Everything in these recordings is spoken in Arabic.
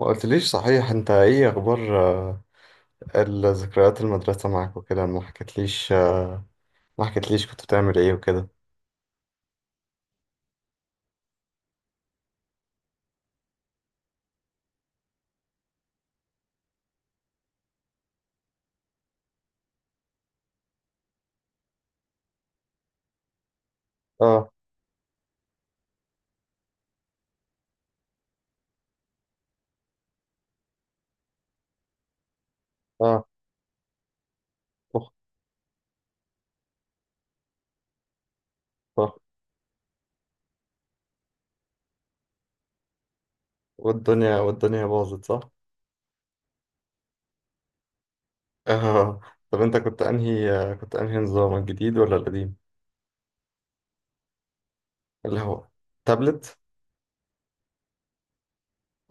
ما قلتليش صحيح، انت ايه اخبار؟ الذكريات المدرسة معاك وكده، ما حكيتليش. ما حكيتليش كنت بتعمل ايه وكده. اه. اه. اخ. اخ. والدنيا باظت، صح. اه. طب انت كنت انهي، كنت انهي نظام، الجديد ولا القديم؟ اللي هو تابلت.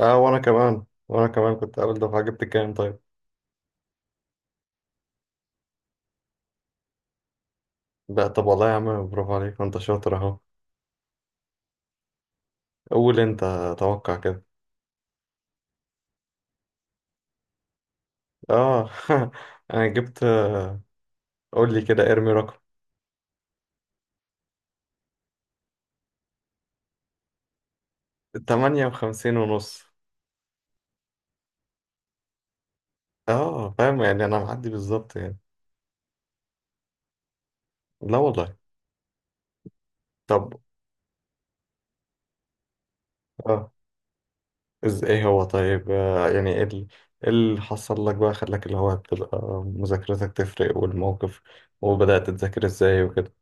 اه، وانا كمان كنت اول دفعة. جبت كام طيب؟ لا طب والله يا عم برافو عليك، ما انت شاطر اهو. قول انت، توقع كده. اه. انا جبت. قول لي كده، ارمي رقم. 58 ونص. اه، فاهم يعني، انا معدي بالظبط يعني. لا والله. طب. اه. ايه هو طيب؟ آه، يعني ايه إيه اللي حصل لك بقى، خلاك اللي هو تبقى مذاكرتك تفرق، والموقف، وبدأت تذاكر ازاي وكده؟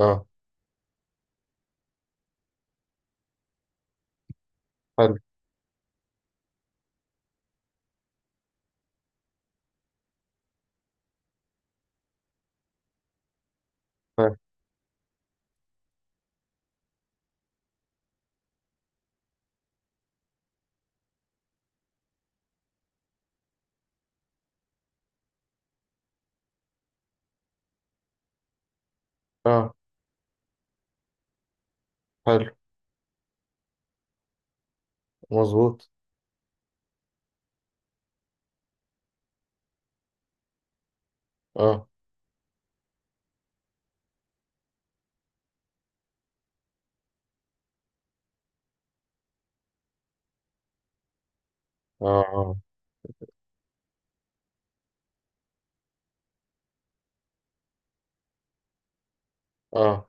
اه. حلو. حلو. اه. حلو. مظبوط. اه. اه. اه. اه.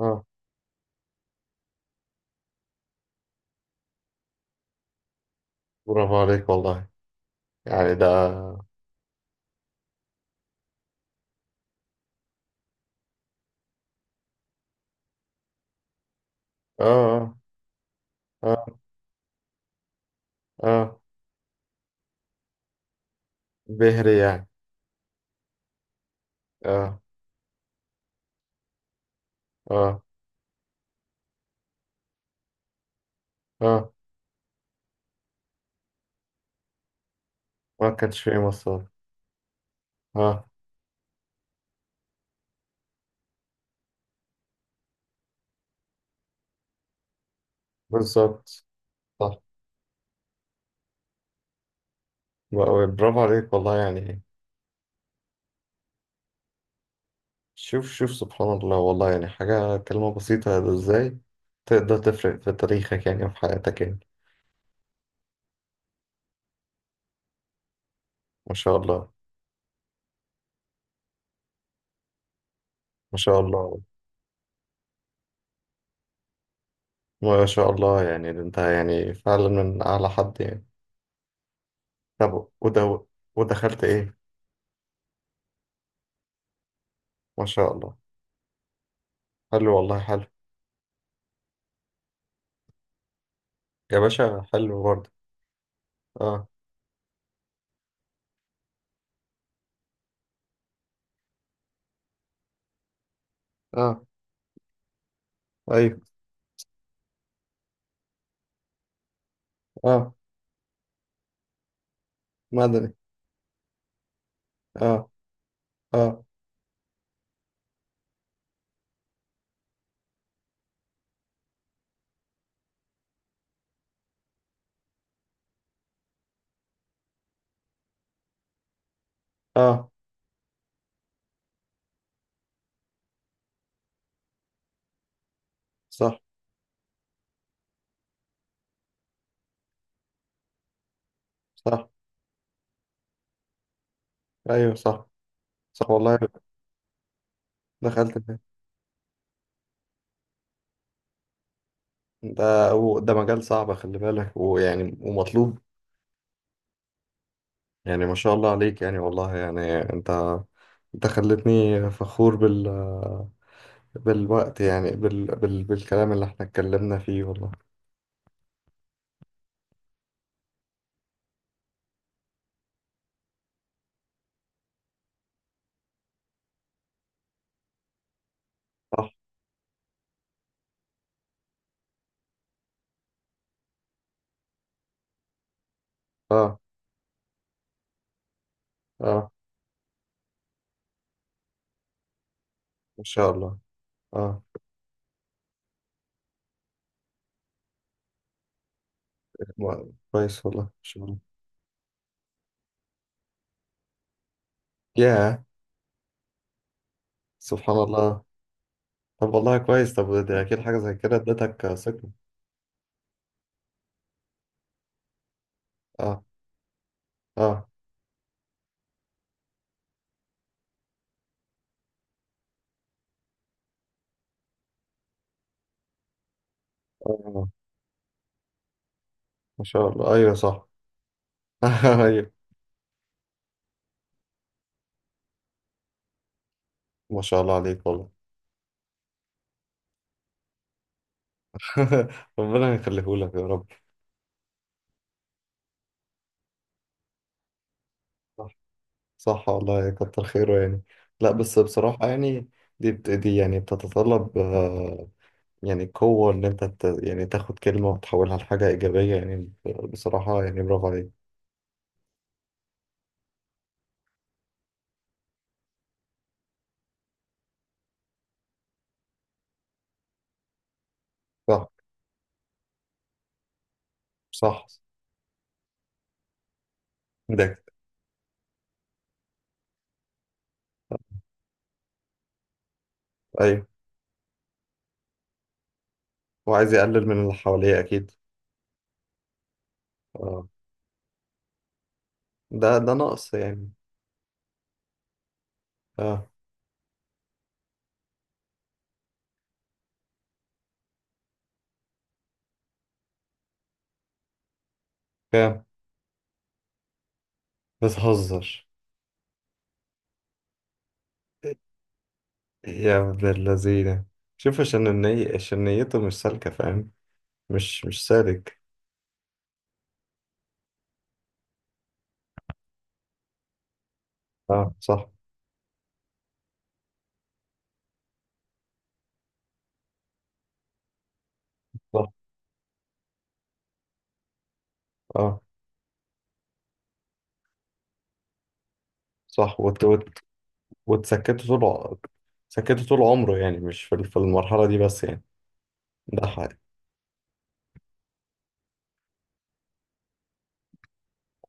اه. برافو عليك والله، يعني ده اه. اه. اه. اه. بهري يعني. اه. اه. اه. ما كانش فيه مصاري. اه. بالظبط. صح. برافو عليك والله يعني. شوف شوف، سبحان الله والله، يعني حاجة، كلمة بسيطة ازاي تقدر تفرق في تاريخك يعني، وفي حياتك يعني. ما شاء الله. ما شاء الله. ما شاء الله، يعني ده انت يعني فعلا من أعلى حد يعني. طب وده، ودخلت ايه؟ ما شاء الله. حلو والله، حلو. يا باشا، حلو برضه. اه. اه. ايوه. اه. مدني. اه. اه. اه. صح. صح. ايوه. صح. صح والله. دخلت. ده ده مجال صعب، خلي بالك، ويعني ومطلوب، يعني ما شاء الله عليك، يعني والله يعني انت، انت خلتني فخور بال، بالوقت يعني، بالكلام اللي احنا اتكلمنا فيه والله. صح. اه. اه. ان شاء الله. اه. كويس والله، ان شاء الله. ياه. سبحان الله. طب والله كويس، طب ده اكيد حاجة زي كده ادتك ثقة. اه. اه. اه. ما شاء الله، ايوه صح. ايوه. ما شاء الله عليك والله. ربنا يخليهولك يا رب. صح. صح والله، كتر خيره يعني. لا بس بصراحة يعني، دي يعني بتتطلب آه، يعني قوة إن أنت يعني تاخد كلمة وتحولها لحاجة إيجابية يعني. بصراحة يعني برافو عليك. صح. صح. ده. أيوه. وعايز يقلل من اللي حواليه أكيد. آه. ده ده نقص يعني. أه. كام؟ بتهزر. يا ابن اللذينة. شوف، عشان النية، عشان نيته مش سالكة، فاهم؟ مش سالك. أه صح. صح. أه صح. وتسكته طول سكته طول عمره يعني، مش في في المرحلة دي بس يعني. ده حقيقي.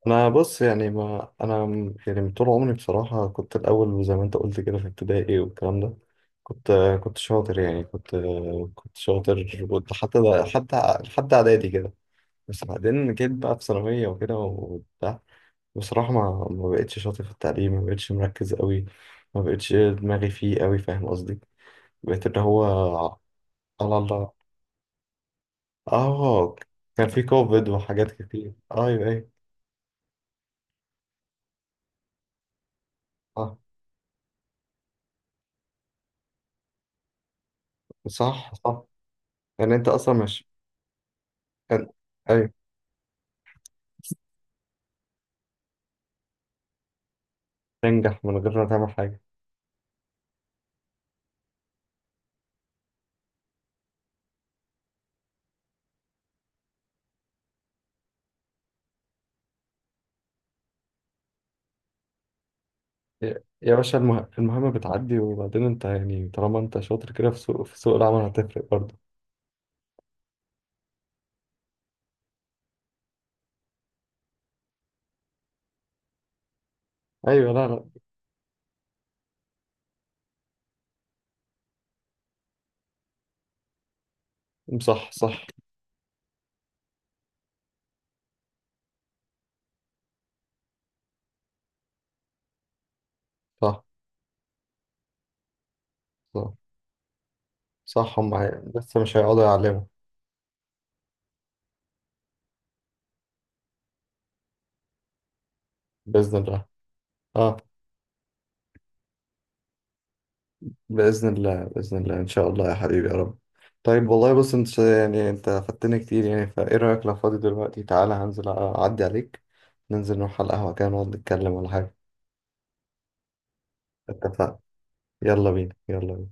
أنا بص يعني، ما أنا م- يعني من طول عمري بصراحة، كنت الأول زي ما أنت قلت كده في ابتدائي والكلام ده. كنت كنت شاطر يعني، كنت شاطر، كنت حتى ده، حتى حتى إعدادي كده. بس بعدين جيت بقى في ثانوية وكده وبتاع. بصراحة، ما بقتش شاطر في التعليم، ما بقتش مركز قوي، ما بقتش دماغي فيه قوي، فاهم قصدي؟ بقيت اللي هو، على الله. اه، كان في كوفيد وحاجات كتير. ايوه ايوه. صح. صح. صح. يعني انت اصلا مش كان. ايوه، تنجح من غير ما تعمل حاجه. يا يا باشا، المهمه بتعدي، وبعدين انت يعني طالما انت شاطر كده، في سوق في سوق العمل هتفرق برضه. ايوه. لا لا. صح. صح. صح. صح، صح. هم لسه مش هيقعدوا يعلموا. باذن الله. اه. بإذن الله، بإذن الله، إن شاء الله يا حبيبي يا رب. طيب والله، بص أنت يعني، أنت فدتني كتير يعني، فإيه رأيك لو فاضي دلوقتي؟ تعالى هنزل، أعدي عليك، ننزل نروح على القهوة كده، نقعد نتكلم ولا حاجة. اتفقنا. يلا بينا، يلا بينا.